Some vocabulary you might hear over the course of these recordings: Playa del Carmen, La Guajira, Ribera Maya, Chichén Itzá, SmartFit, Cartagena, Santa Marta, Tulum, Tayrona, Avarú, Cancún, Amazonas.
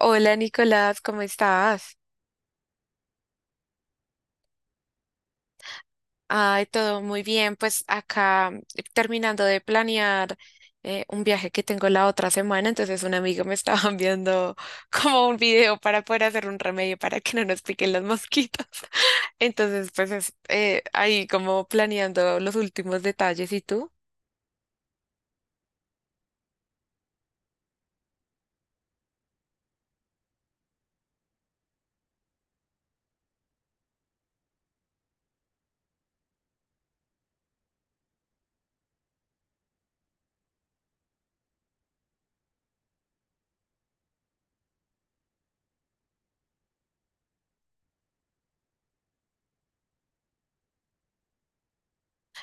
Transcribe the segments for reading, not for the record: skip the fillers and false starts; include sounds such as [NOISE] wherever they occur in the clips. Hola Nicolás, ¿cómo estás? Ay, todo muy bien. Pues acá terminando de planear un viaje que tengo la otra semana, entonces un amigo me estaba [LAUGHS] enviando como un video para poder hacer un remedio para que no nos piquen las mosquitas. [LAUGHS] Entonces, pues ahí como planeando los últimos detalles. ¿Y tú?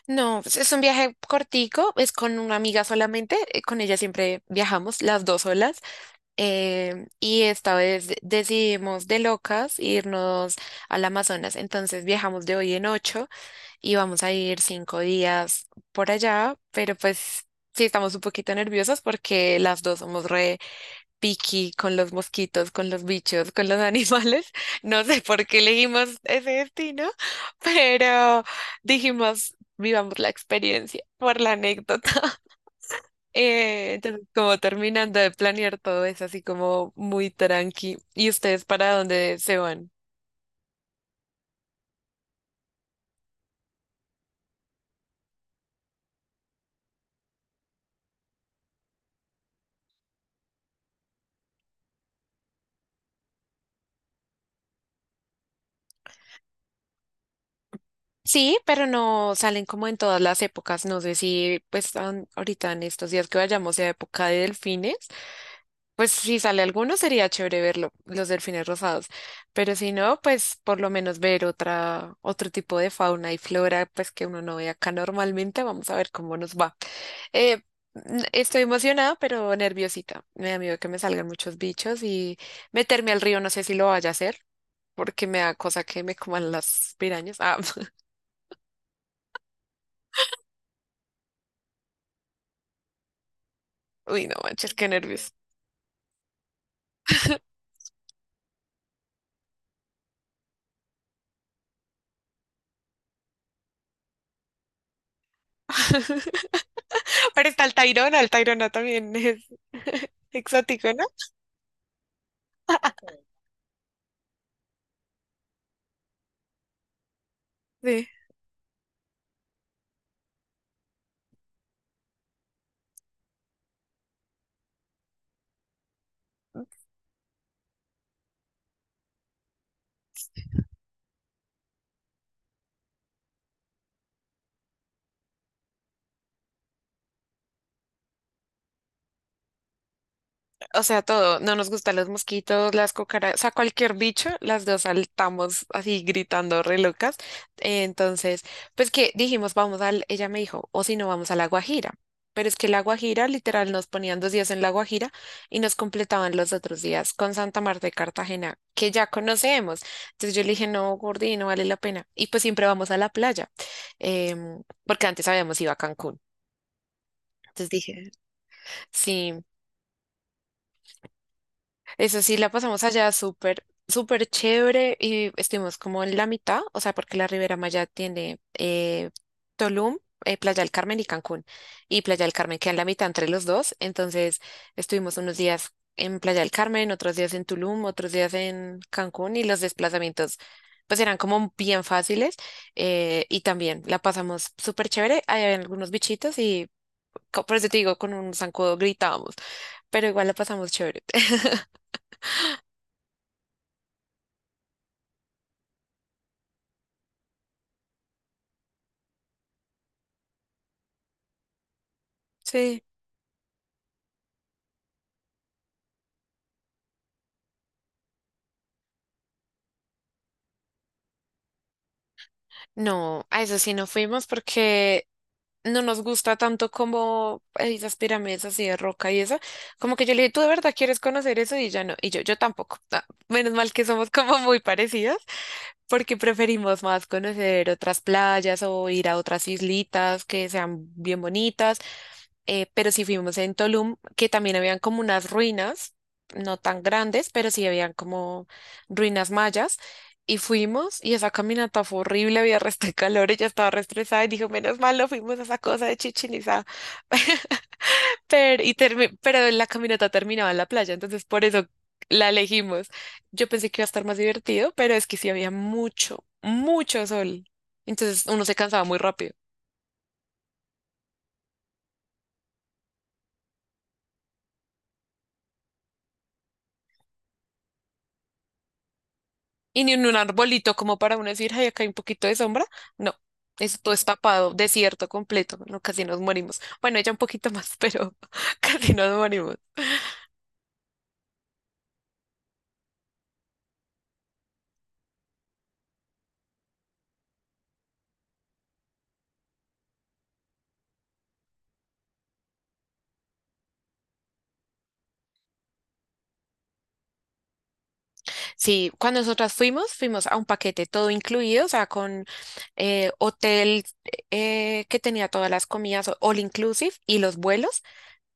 No, pues, es un viaje cortico, es con una amiga solamente, con ella siempre viajamos las dos solas. Y esta vez decidimos de locas irnos al Amazonas. Entonces viajamos de hoy en ocho y vamos a ir 5 días por allá, pero pues sí estamos un poquito nerviosas porque las dos somos re picky con los mosquitos, con los bichos, con los animales. [LAUGHS] No sé por qué elegimos ese destino, pero dijimos, vivamos la experiencia por la anécdota. Entonces, como terminando de planear todo es así como muy tranqui. ¿Y ustedes para dónde se van? Sí, pero no salen como en todas las épocas. No sé si pues ahorita en estos días que vayamos a época de delfines, pues si sale alguno sería chévere verlo, los delfines rosados. Pero si no, pues por lo menos ver otra, otro tipo de fauna y flora, pues que uno no ve acá normalmente. Vamos a ver cómo nos va. Eh, estoy emocionada, pero nerviosita. Me da miedo que me salgan muchos bichos y meterme al río, no sé si lo vaya a hacer, porque me da cosa que me coman las pirañas. Ah, [LAUGHS] uy, no manches, qué nervios. [LAUGHS] Pero está el Tayrona también es [LAUGHS] exótico, ¿no? Sí. O sea, todo, no nos gustan los mosquitos, las cucarachas, o sea, cualquier bicho, las dos saltamos así gritando re locas. Eh, Entonces, pues que dijimos, vamos al, ella me dijo, o si no, vamos a La Guajira. Pero es que La Guajira, literal, nos ponían 2 días en La Guajira y nos completaban los otros días con Santa Marta de Cartagena, que ya conocemos. Entonces yo le dije, no, Gordi, no vale la pena. Y pues siempre vamos a la playa, porque antes habíamos ido a Cancún. Entonces dije, sí. Eso sí, la pasamos allá súper, súper chévere y estuvimos como en la mitad, o sea, porque la Ribera Maya tiene Tulum, Playa del Carmen y Cancún. Y Playa del Carmen queda en la mitad entre los dos, entonces estuvimos unos días en Playa del Carmen, otros días en Tulum, otros días en Cancún y los desplazamientos pues eran como bien fáciles y también la pasamos súper chévere. Hay algunos bichitos y por eso te digo, con un zancudo gritábamos, pero igual la pasamos chévere. [LAUGHS] Sí. No, a eso sí no fuimos porque no nos gusta tanto como esas pirámides así de roca y eso. Como que yo le dije, ¿tú de verdad quieres conocer eso? Y ya no. Y yo tampoco. Ah, menos mal que somos como muy parecidos porque preferimos más conocer otras playas o ir a otras islitas que sean bien bonitas pero sí fuimos en Tulum, que también habían como unas ruinas, no tan grandes, pero sí habían como ruinas mayas. Y fuimos, y esa caminata fue horrible, había [LAUGHS] resto de calor, ella estaba re estresada y dijo, menos mal, no fuimos a esa cosa de Chichén Itzá". [LAUGHS] Pero, y pero la caminata terminaba en la playa, entonces por eso la elegimos. Yo pensé que iba a estar más divertido, pero es que sí había mucho, mucho sol. Entonces uno se cansaba muy rápido. Y ni en un arbolito como para uno decir, ay, acá hay un poquito de sombra. No, eso todo es tapado, desierto completo. No, casi nos morimos. Bueno, ella un poquito más, [LAUGHS] pero casi nos morimos. Sí, cuando nosotras fuimos, a un paquete todo incluido, o sea, con hotel que tenía todas las comidas, all inclusive, y los vuelos.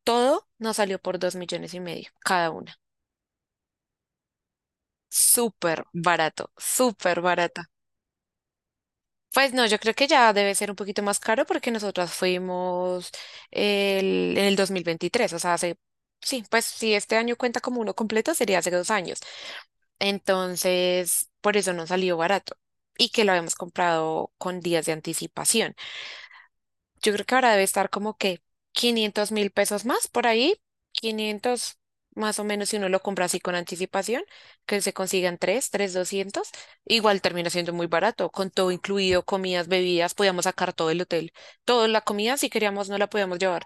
Todo nos salió por 2,5 millones cada una. Súper barato, súper barato. Pues no, yo creo que ya debe ser un poquito más caro porque nosotras fuimos en el 2023, o sea, hace, sí, pues si este año cuenta como uno completo, sería hace 2 años. Entonces, por eso no salió barato y que lo habíamos comprado con días de anticipación. Yo creo que ahora debe estar como que 500.000 pesos más por ahí, 500 más o menos si uno lo compra así con anticipación, que se consigan 3 200 igual termina siendo muy barato, con todo incluido, comidas, bebidas, podíamos sacar todo el hotel, toda la comida si queríamos no la podíamos llevar.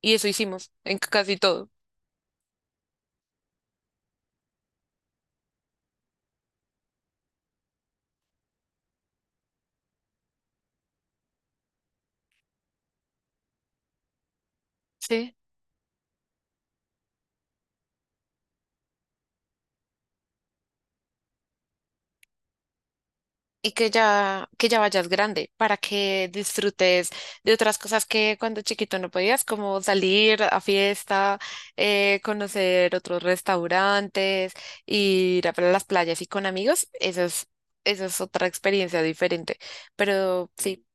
Y eso hicimos en casi todo. Sí, y que ya vayas grande para que disfrutes de otras cosas que cuando chiquito no podías, como salir a fiesta, conocer otros restaurantes, ir a las playas y con amigos. Eso es otra experiencia diferente. Pero sí,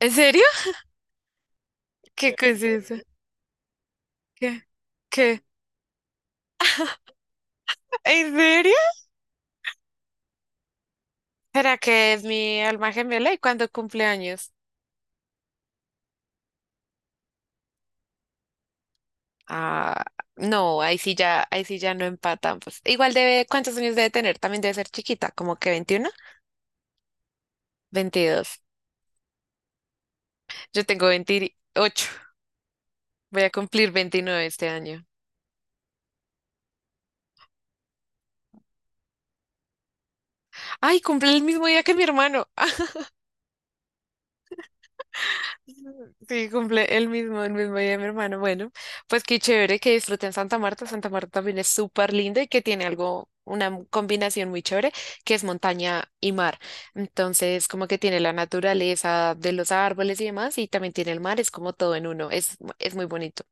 ¿en serio? ¿Qué cosa es eso? ¿Qué? ¿Qué? ¿En serio? ¿Será que es mi alma gemela y cuando cumple años? Ah, no, ahí sí ya no empatan. Pues igual debe, ¿cuántos años debe tener? También debe ser chiquita, como que 21, 22. Yo tengo 28. Voy a cumplir 29 este año. Ay, cumple el mismo día que mi hermano. Sí, cumple el mismo día de mi hermano. Bueno, pues qué chévere que disfruten Santa Marta. Santa Marta también es súper linda y que tiene algo, una combinación muy chévere, que es montaña y mar. Entonces, como que tiene la naturaleza de los árboles y demás, y también tiene el mar, es como todo en uno, es muy bonito.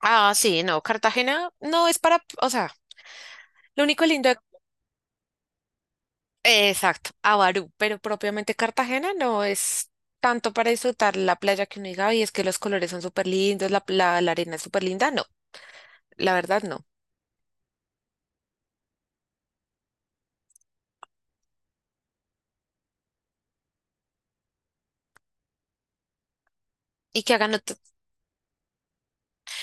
Ah, sí, no, Cartagena no es para, o sea, lo único lindo de Exacto, Avarú, pero propiamente Cartagena no es tanto para disfrutar la playa que uno diga, y es que los colores son súper lindos, la arena es súper linda, no, la verdad no. Y que hagan ot-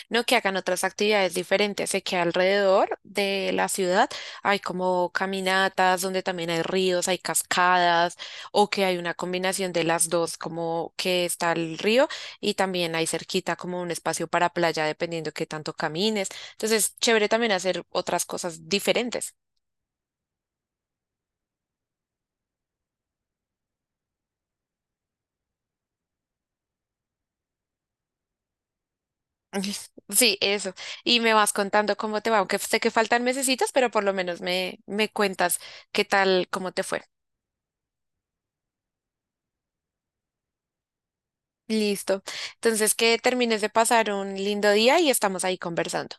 No, que hagan otras actividades diferentes, sé que alrededor de la ciudad hay como caminatas donde también hay ríos, hay cascadas, o que hay una combinación de las dos, como que está el río y también hay cerquita como un espacio para playa, dependiendo qué tanto camines. Entonces, chévere también hacer otras cosas diferentes. [LAUGHS] Sí, eso. Y me vas contando cómo te va, aunque sé que faltan mesecitos, pero por lo menos me cuentas qué tal, cómo te fue. Listo. Entonces, que termines de pasar un lindo día y estamos ahí conversando.